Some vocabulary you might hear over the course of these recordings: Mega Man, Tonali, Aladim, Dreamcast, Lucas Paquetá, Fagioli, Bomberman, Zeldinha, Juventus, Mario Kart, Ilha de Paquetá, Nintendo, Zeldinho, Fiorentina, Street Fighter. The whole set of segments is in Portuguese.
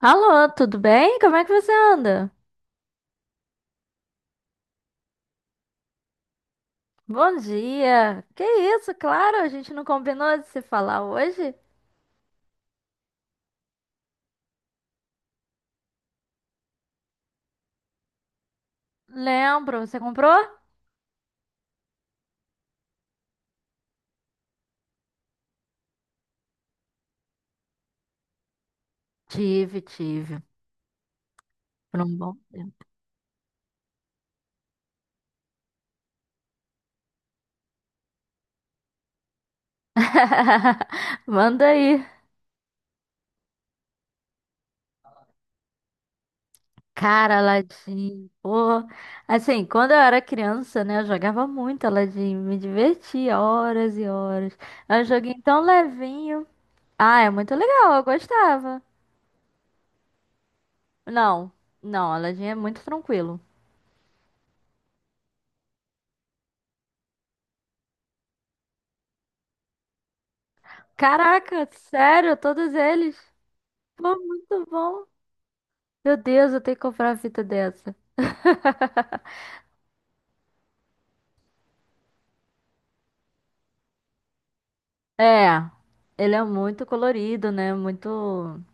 Alô, tudo bem? Como é que você anda? Bom dia. Que isso, claro, a gente não combinou de se falar hoje? Lembro, você comprou? Tive, tive. Por um bom tempo. Manda aí. Cara, Aladim, pô. Assim, quando eu era criança, né, eu jogava muito Aladim, me divertia horas e horas. É um joguinho tão levinho. Ah, é muito legal, eu gostava. Não, não, Aladim é muito tranquilo. Caraca, sério, todos eles? Pô, muito bom. Meu Deus, eu tenho que comprar uma fita dessa. É, ele é muito colorido, né? Muito.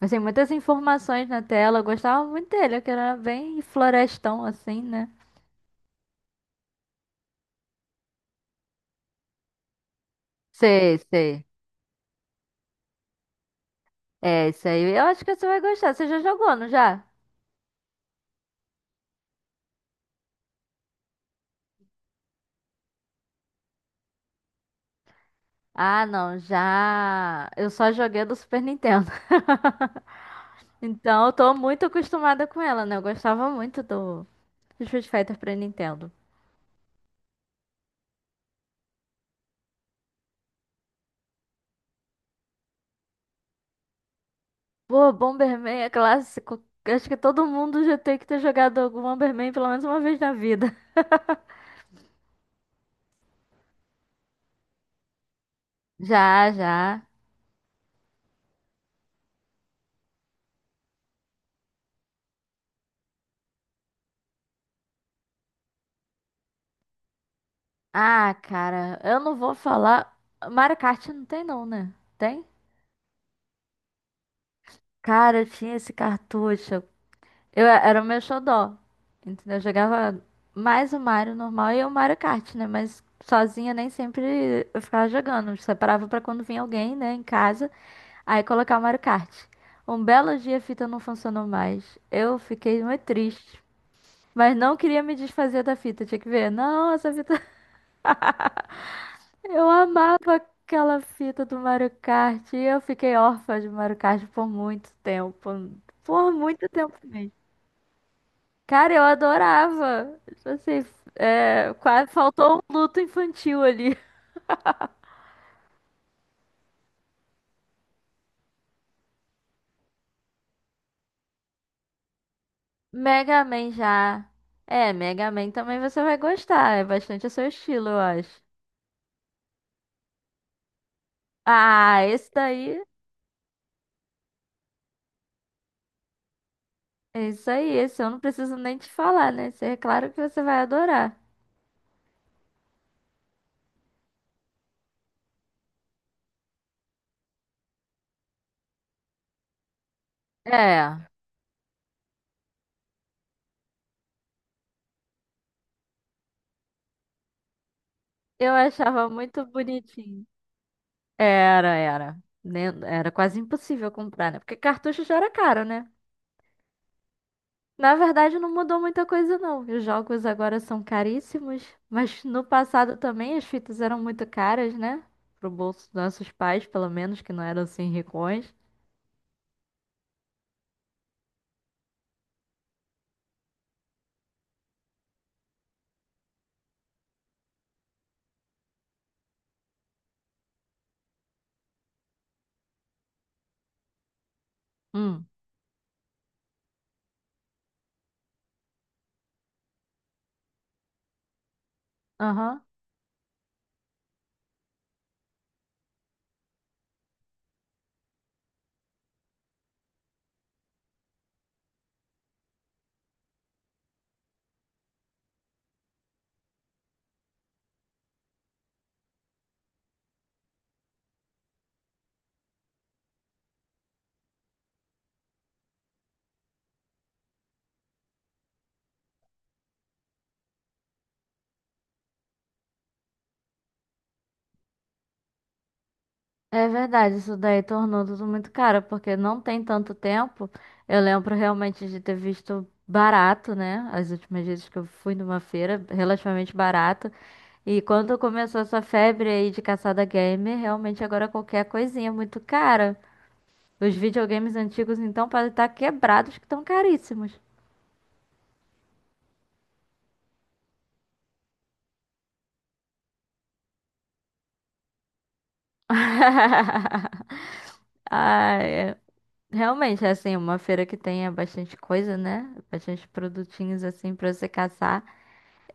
Assim, muitas informações na tela. Eu gostava muito dele, que era bem florestão, assim, né? Sei, sei. É, isso aí. Eu acho que você vai gostar. Você já jogou, não já? Ah, não, já. Eu só joguei do Super Nintendo. Então, eu tô muito acostumada com ela, né? Eu gostava muito do Street Fighter pra Nintendo. Pô, Bomberman é clássico. Acho que todo mundo já tem que ter jogado algum Bomberman pelo menos uma vez na vida. Já, já. Ah, cara, eu não vou falar. Mario Kart não tem não, né? Tem? Cara, eu tinha esse cartucho. Eu era o meu xodó. Entendeu? Eu jogava mais o Mario normal e o Mario Kart, né? Mas sozinha nem sempre eu ficava jogando. Eu separava pra quando vinha alguém, né, em casa. Aí colocar o Mario Kart. Um belo dia a fita não funcionou mais. Eu fiquei muito triste. Mas não queria me desfazer da fita, tinha que ver. Não, essa fita. Eu amava aquela fita do Mario Kart. E eu fiquei órfã de Mario Kart por muito tempo. Por muito tempo mesmo. Cara, eu adorava. Tipo assim, é, quase faltou um luto infantil ali. Mega Man já. É, Mega Man também você vai gostar. É bastante o seu estilo, eu acho. Ah, esse daí. É isso aí, esse eu não preciso nem te falar, né? Esse é claro que você vai adorar. É, eu achava muito bonitinho. Era, era. Né? Era quase impossível comprar, né? Porque cartucho já era caro, né? Na verdade, não mudou muita coisa, não. Os jogos agora são caríssimos, mas no passado também as fitas eram muito caras, né? Pro bolso dos nossos pais, pelo menos, que não eram assim ricões. Hum. Aham. É verdade, isso daí tornou tudo muito caro, porque não tem tanto tempo. Eu lembro realmente de ter visto barato, né? As últimas vezes que eu fui numa feira, relativamente barato. E quando começou essa febre aí de caçada gamer, realmente agora qualquer coisinha é muito cara. Os videogames antigos, então, podem estar quebrados que estão caríssimos. Ai, é- realmente, é assim, uma feira que tenha bastante coisa, né? Bastante produtinhos assim pra você caçar.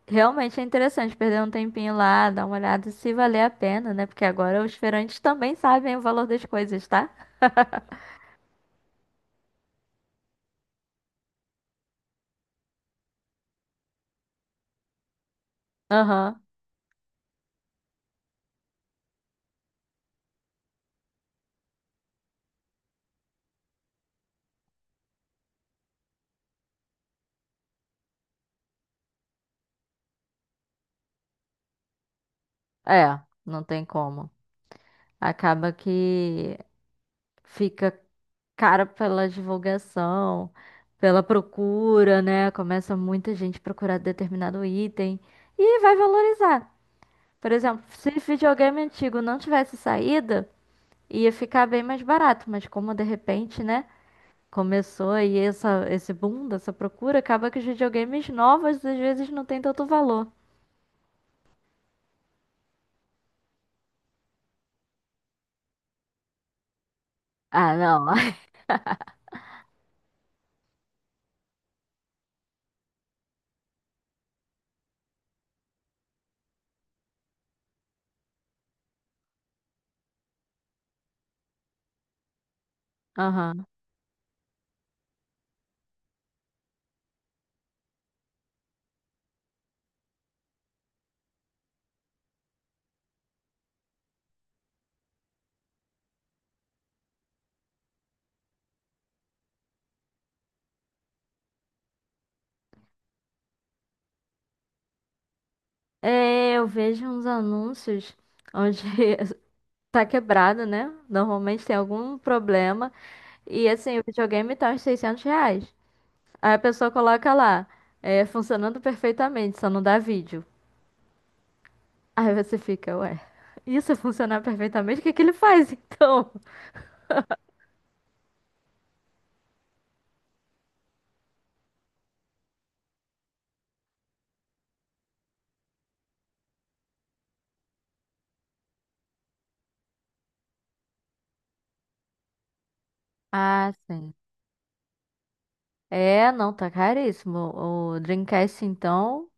Realmente é interessante perder um tempinho lá, dar uma olhada se valer a pena, né? Porque agora os feirantes também sabem o valor das coisas, tá? Aham. É, não tem como. Acaba que fica cara pela divulgação, pela procura, né? Começa muita gente procurar determinado item e vai valorizar. Por exemplo, se videogame antigo não tivesse saída, ia ficar bem mais barato, mas como de repente, né? Começou aí essa, esse boom dessa procura, acaba que os videogames novos às vezes não tem tanto valor. Ah, não. Aham. É, eu vejo uns anúncios onde tá quebrado, né? Normalmente tem algum problema. E assim, o videogame tá uns R$ 600. Aí a pessoa coloca lá, é, funcionando perfeitamente, só não dá vídeo. Aí você fica, ué, isso é funcionar perfeitamente, o que é que ele faz então? Ah, sim. É, não, tá caríssimo. O Dreamcast, então,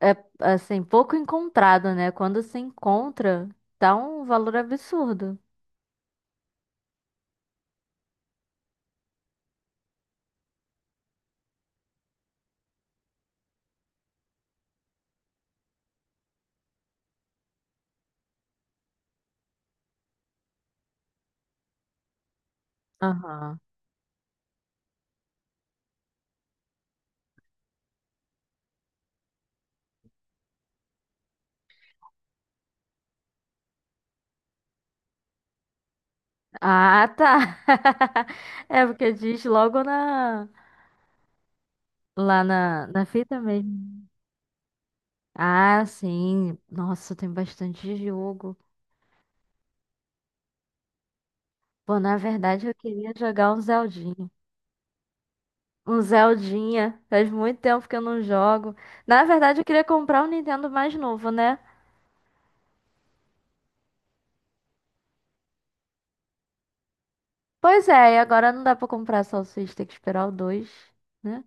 é assim, pouco encontrado, né? Quando se encontra, tá um valor absurdo. Aham. Ah, tá. É porque diz logo na lá na fita mesmo. Ah, sim. Nossa, tem bastante jogo. Pô, na verdade eu queria jogar um Zeldinho. Um Zeldinha. Faz muito tempo que eu não jogo. Na verdade, eu queria comprar um Nintendo mais novo, né? Pois é, e agora não dá pra comprar salsicha, tem que esperar o dois, né?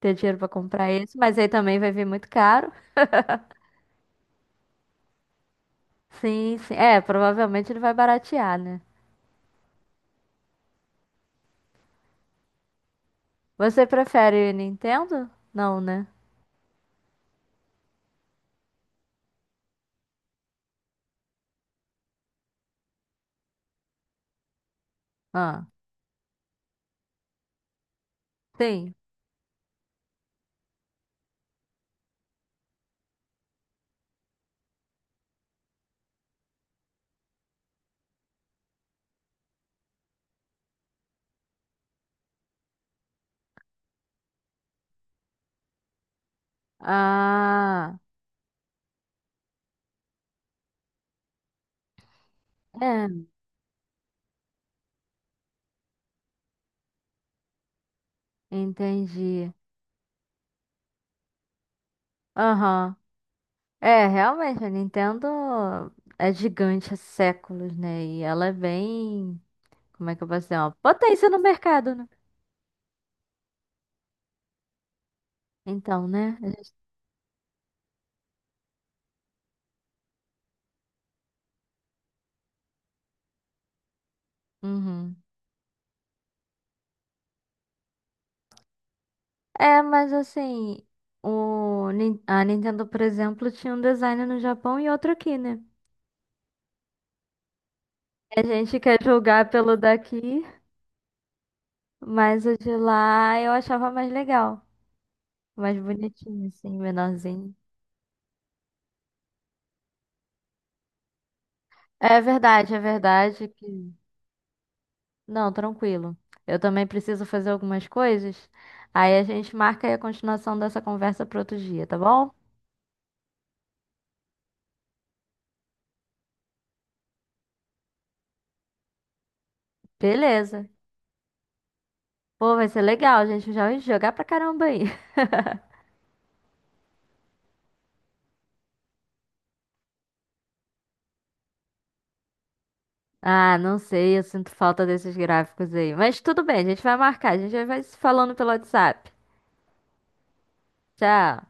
Ter dinheiro pra comprar esse, mas aí também vai vir muito caro. Sim, sim. É, provavelmente ele vai baratear, né? Você prefere Nintendo? Não, né? Ah, sim. Ah, é, entendi. Aham. É, realmente, a Nintendo é gigante há séculos, né? E ela é bem. Como é que eu posso dizer? Uma potência no mercado, né? Então, né? A gente- Uhum. É, mas assim, a Nintendo, por exemplo, tinha um design no Japão e outro aqui, né? A gente quer julgar pelo daqui, mas o de lá eu achava mais legal, mais bonitinho, assim, menorzinho. É verdade que. Não, tranquilo. Eu também preciso fazer algumas coisas. Aí a gente marca aí a continuação dessa conversa para outro dia, tá bom? Beleza. Pô, vai ser legal, gente. Já vai jogar pra caramba aí. Ah, não sei, eu sinto falta desses gráficos aí. Mas tudo bem, a gente vai marcar, a gente já vai se falando pelo WhatsApp. Tchau.